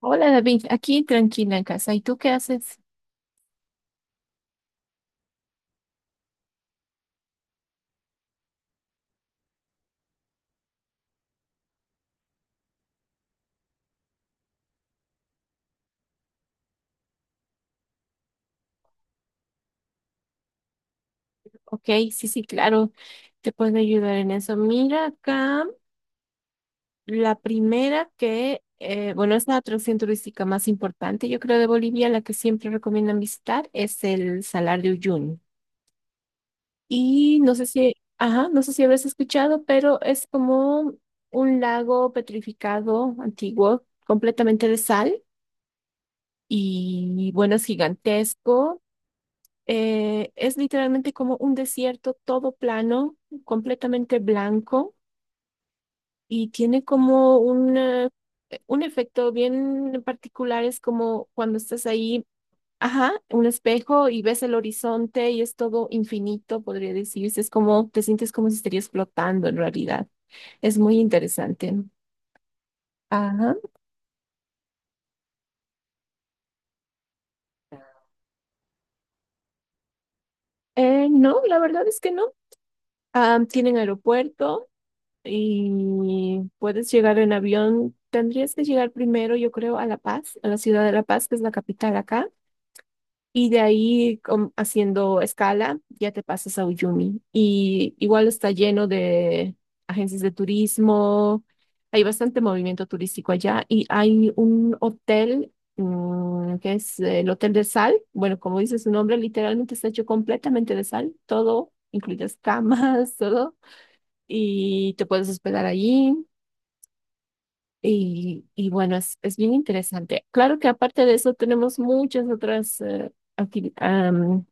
Hola David, aquí tranquila en casa. ¿Y tú qué haces? Ok, sí, sí, claro, te puedo ayudar en eso. Mira acá, la primera que, es la atracción turística más importante, yo creo, de Bolivia, la que siempre recomiendan visitar, es el Salar de Uyuni. Y no sé si, ajá, no sé si habrás escuchado, pero es como un lago petrificado, antiguo, completamente de sal. Y bueno, es gigantesco. Es literalmente como un desierto todo plano, completamente blanco y tiene como un, un efecto bien particular. Es como cuando estás ahí, ajá, un espejo y ves el horizonte y es todo infinito, podría decirse. Es como, te sientes como si estuvieras flotando en realidad. Es muy interesante. Ajá. No, la verdad es que no. Ah, tienen aeropuerto y puedes llegar en avión. Tendrías que llegar primero, yo creo, a La Paz, a la ciudad de La Paz, que es la capital acá. Y de ahí, haciendo escala, ya te pasas a Uyuni. Y igual está lleno de agencias de turismo. Hay bastante movimiento turístico allá. Y hay un hotel, que es el Hotel de Sal. Bueno, como dice su nombre, literalmente está hecho completamente de sal. Todo, incluidas camas, todo y te puedes hospedar allí. Y bueno, es bien interesante. Claro que aparte de eso tenemos muchas otras acti- am,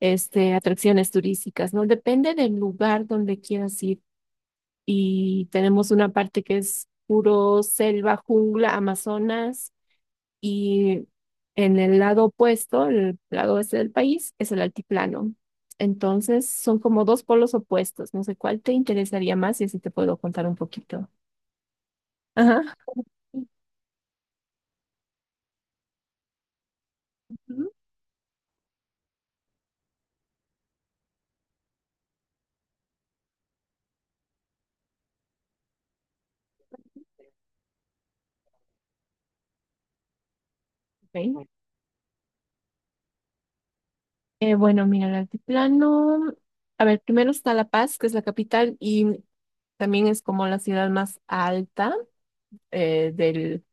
atracciones turísticas, ¿no? Depende del lugar donde quieras ir. Y tenemos una parte que es puro selva, jungla, Amazonas y en el lado opuesto, el lado oeste del país, es el altiplano. Entonces son como dos polos opuestos. No sé cuál te interesaría más y así te puedo contar un poquito. Ajá. Ujú. Ok. Bueno, mira, el altiplano, a ver, primero está La Paz, que es la capital y también es como la ciudad más alta eh, del,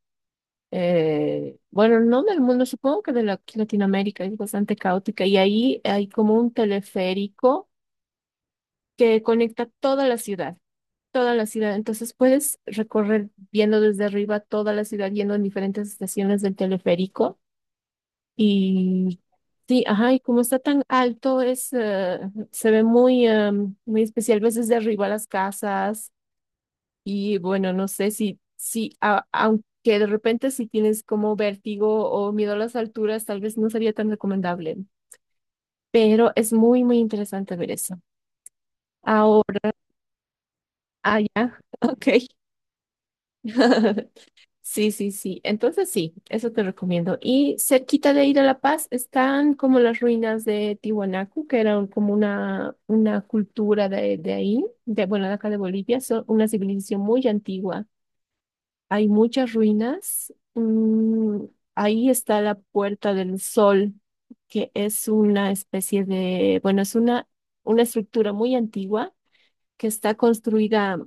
bueno, no del mundo, supongo que aquí Latinoamérica, es bastante caótica y ahí hay como un teleférico que conecta toda la ciudad, entonces puedes recorrer viendo desde arriba toda la ciudad, yendo en diferentes estaciones del teleférico. Y sí, ajá, y como está tan alto, se ve muy, muy especial, ves desde arriba las casas y bueno, no sé si, aunque de repente si tienes como vértigo o miedo a las alturas, tal vez no sería tan recomendable, pero es muy, muy interesante ver eso. Ahora, ah, ya, ok. Sí, sí, sí. Entonces sí, eso te recomiendo. Y cerquita de ir a La Paz están como las ruinas de Tiwanaku, que eran como una cultura de ahí, de acá de Bolivia, son una civilización muy antigua. Hay muchas ruinas. Ahí está la Puerta del Sol, que es una especie de, bueno, es una estructura muy antigua que está construida,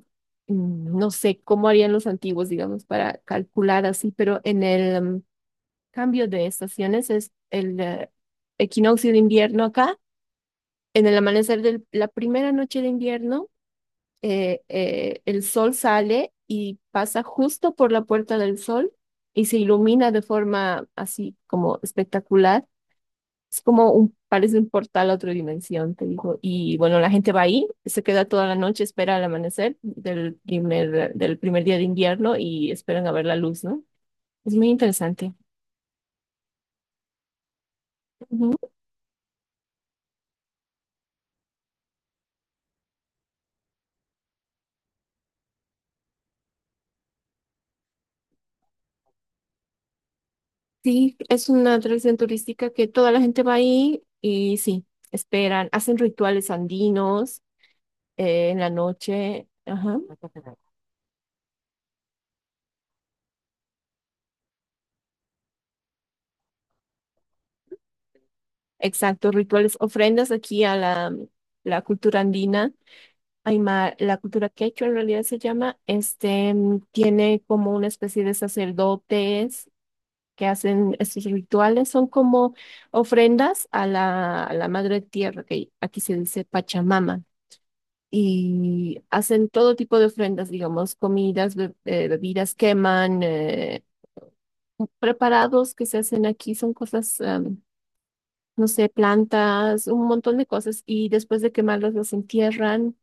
mm, no sé cómo harían los antiguos, digamos, para calcular así, pero en el cambio de estaciones es el equinoccio de invierno acá, en el amanecer de la primera noche de invierno, el sol sale y pasa justo por la puerta del sol y se ilumina de forma así como espectacular. Es como un, parece un portal a otra dimensión, te digo. Y bueno, la gente va ahí, se queda toda la noche, espera el amanecer del primer día de invierno y esperan a ver la luz, ¿no? Es muy interesante. Ujú. Sí, es una atracción turística que toda la gente va ahí y sí, esperan, hacen rituales andinos en la noche. Ajá. Exacto, rituales, ofrendas aquí a la, la cultura andina Aymar, la cultura quechua en realidad se llama, tiene como una especie de sacerdotes que hacen estos rituales, son como ofrendas a la madre tierra, que aquí se dice Pachamama, y hacen todo tipo de ofrendas, digamos, comidas, bebidas, queman, preparados que se hacen aquí, son cosas, no sé, plantas, un montón de cosas, y después de quemarlas las entierran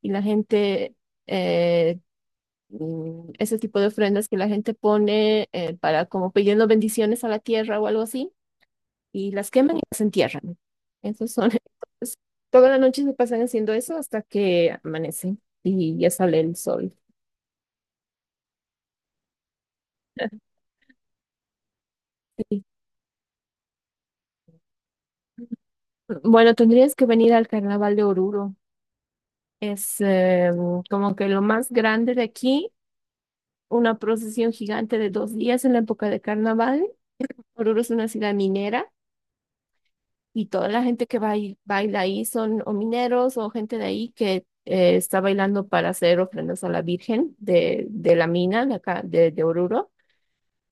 y la gente eh, ese tipo de ofrendas que la gente pone para como pidiendo bendiciones a la tierra o algo así, y las queman y las entierran. Esos son. Entonces, toda la noche se pasan haciendo eso hasta que amanece y ya sale el sol. Sí. Bueno, tendrías que venir al Carnaval de Oruro. Es como que lo más grande de aquí, una procesión gigante de dos días en la época de carnaval. Oruro es una ciudad minera y toda la gente que baila ahí son o mineros o gente de ahí que está bailando para hacer ofrendas a la Virgen de la mina de acá, de Oruro.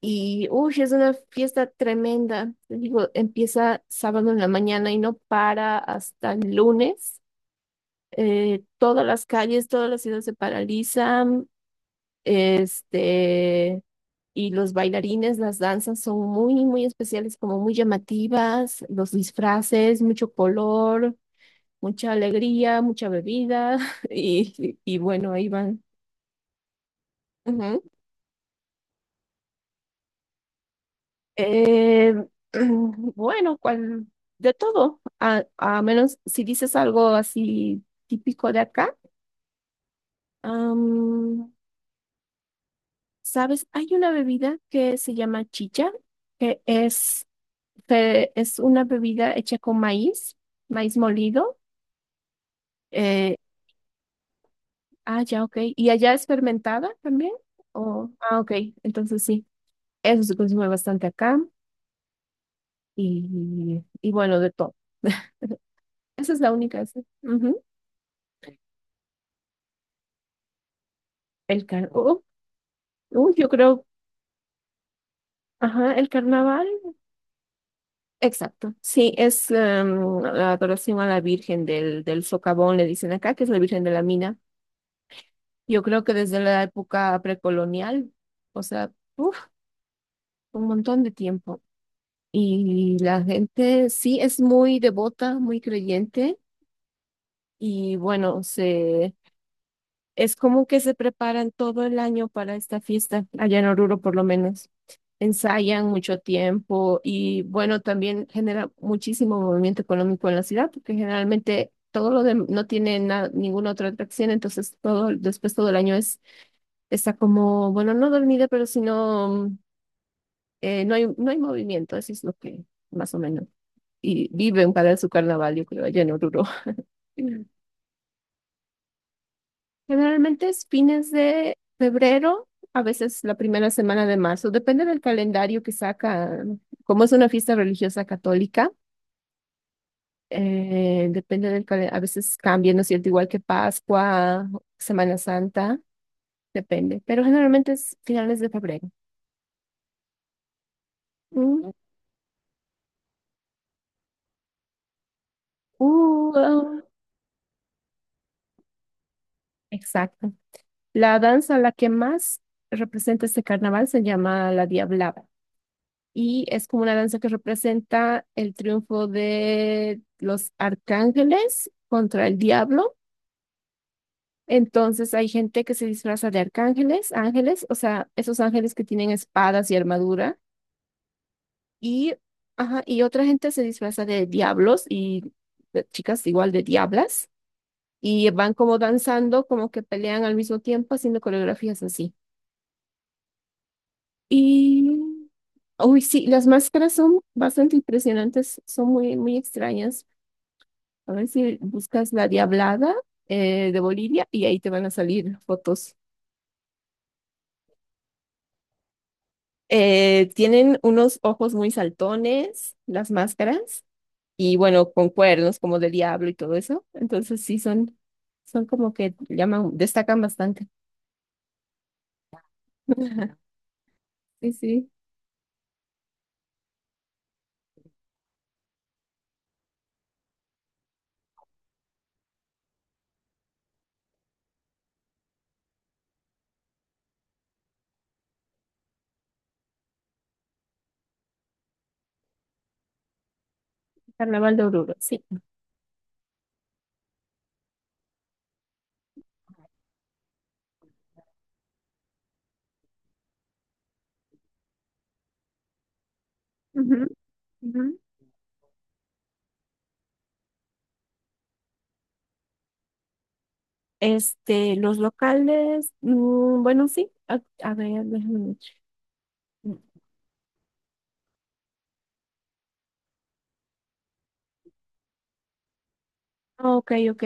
Y, uy, es una fiesta tremenda. Te digo, empieza sábado en la mañana y no para hasta el lunes. Todas las calles, toda la ciudad se paralizan. Este, y los bailarines, las danzas son muy, muy especiales, como muy llamativas, los disfraces, mucho color, mucha alegría, mucha bebida y bueno, ahí van. Ujú. Eh, bueno, cual, de todo, a menos si dices algo así típico de acá. am, ¿Sabes? Hay una bebida que se llama chicha, que es, que es una bebida hecha con maíz, maíz molido. eh, ah, ya, ok. ¿Y allá es fermentada también? O ah, ok, entonces sí. Eso se consume bastante acá. Y, y bueno, de todo. Esa es la única. Esa. Ujú. El car oh, Uy, yo creo, ajá, el carnaval. Exacto. Sí, es la adoración a la Virgen del, del Socavón, le dicen acá, que es la Virgen de la Mina. Yo creo que desde la época precolonial, o sea, uf, un montón de tiempo. Y la gente sí es muy devota, muy creyente, y bueno, se Es como que se preparan todo el año para esta fiesta, allá en Oruro por lo menos. Ensayan mucho tiempo y bueno, también genera muchísimo movimiento económico en la ciudad, porque generalmente todo lo de, no tiene ninguna otra atracción, entonces todo, después todo el año es, está como, bueno, no dormida, pero sino no hay movimiento, eso es lo que más o menos. Y viven para su carnaval, yo creo, allá en Oruro. Generalmente es fines de febrero, a veces la primera semana de marzo, depende del calendario que saca. Como es una fiesta religiosa católica, depende del calendario, a veces cambia, ¿no es cierto? Igual que Pascua, Semana Santa, depende, pero generalmente es finales de febrero. Mm, ah, exacto. La danza, la que más representa este carnaval, se llama la Diablada. Y es como una danza que representa el triunfo de los arcángeles contra el diablo. Entonces hay gente que se disfraza de arcángeles, ángeles, o sea, esos ángeles que tienen espadas y armadura, y, ajá, y otra gente se disfraza de diablos y de chicas igual de diablas, y van como danzando, como que pelean al mismo tiempo, haciendo coreografías así. Y, uy, sí, las máscaras son bastante impresionantes, son muy, muy extrañas. A ver si buscas la Diablada de Bolivia y ahí te van a salir fotos. Tienen unos ojos muy saltones, las máscaras, y bueno, con cuernos como de diablo y todo eso. Entonces sí, son como que llaman, destacan bastante. Sí, sí, Carnaval de Oruro, sí. Ujú, ujú. Los locales, bueno, sí, a ver, déjame. Ver. Ok, ok.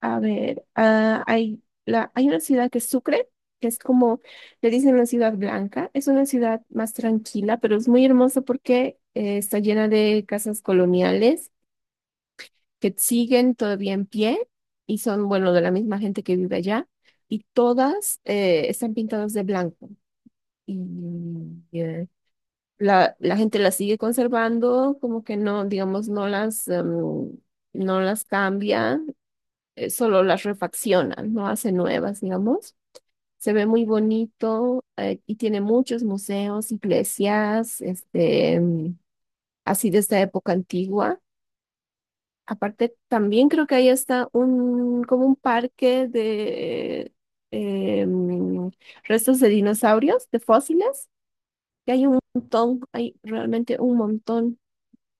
A ver, hay una ciudad que es Sucre, que es como, le dicen una ciudad blanca. Es una ciudad más tranquila, pero es muy hermosa porque está llena de casas coloniales que siguen todavía en pie y son, bueno, de la misma gente que vive allá. Y todas están pintadas de blanco. Y eh, la gente las sigue conservando, como que no, digamos, no las cambia solo las refaccionan, no hacen nuevas, digamos. Se ve muy bonito y tiene muchos museos, iglesias, así de esta época antigua. Aparte, también creo que ahí está un, como un parque de eh, mm, restos de dinosaurios, de fósiles, que hay un montón, hay realmente un montón.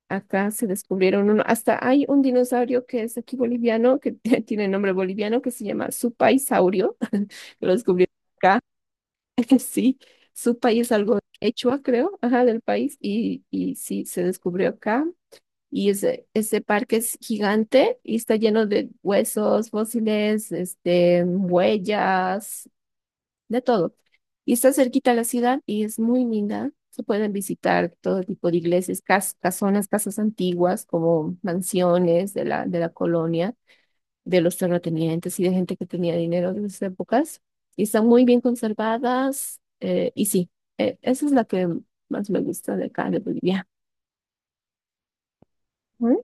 Acá se descubrieron uno, hasta hay un dinosaurio que es aquí boliviano, que tiene nombre boliviano, que se llama supaisaurio, lo descubrieron acá, sí, Supai es algo quechua, creo, ajá, del país, y sí, se descubrió acá, y ese parque es gigante y está lleno de huesos, fósiles, huellas, de todo. Y está cerquita a la ciudad y es muy linda. Se pueden visitar todo tipo de iglesias, casonas, casas antiguas, como mansiones de la colonia, de los terratenientes y de gente que tenía dinero de esas épocas. Y están muy bien conservadas. Esa es la que más me gusta de acá, de Bolivia. ¿Mm?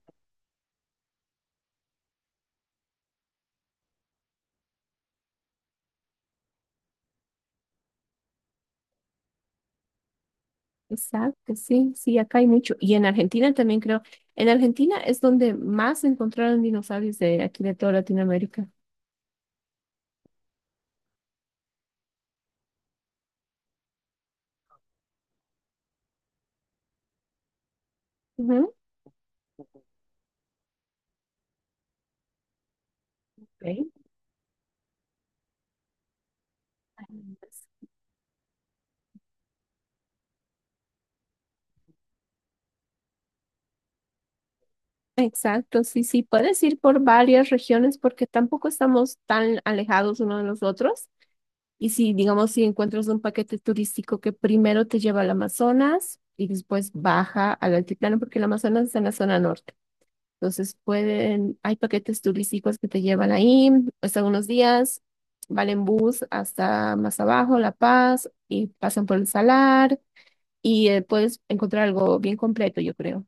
Exacto, sí, sí, acá hay mucho. Y en Argentina también creo. En Argentina es donde más encontraron dinosaurios de aquí de toda Latinoamérica. Ujú. Ok. Exacto, sí, sí, puedes ir por varias regiones porque tampoco estamos tan alejados uno de los otros. Y si, digamos, si encuentras un paquete turístico que primero te lleva al Amazonas y después baja al altiplano, porque el Amazonas está en la zona norte. Entonces pueden, hay paquetes turísticos que te llevan ahí, están unos días, van en bus hasta más abajo, La Paz, y pasan por el Salar, y puedes encontrar algo bien completo, yo creo.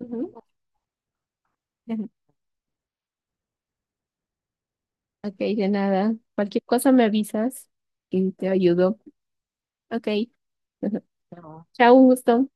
Ujú. Ok, de nada. Cualquier cosa me avisas y te ayudo. Ok. No. Chao, un gusto.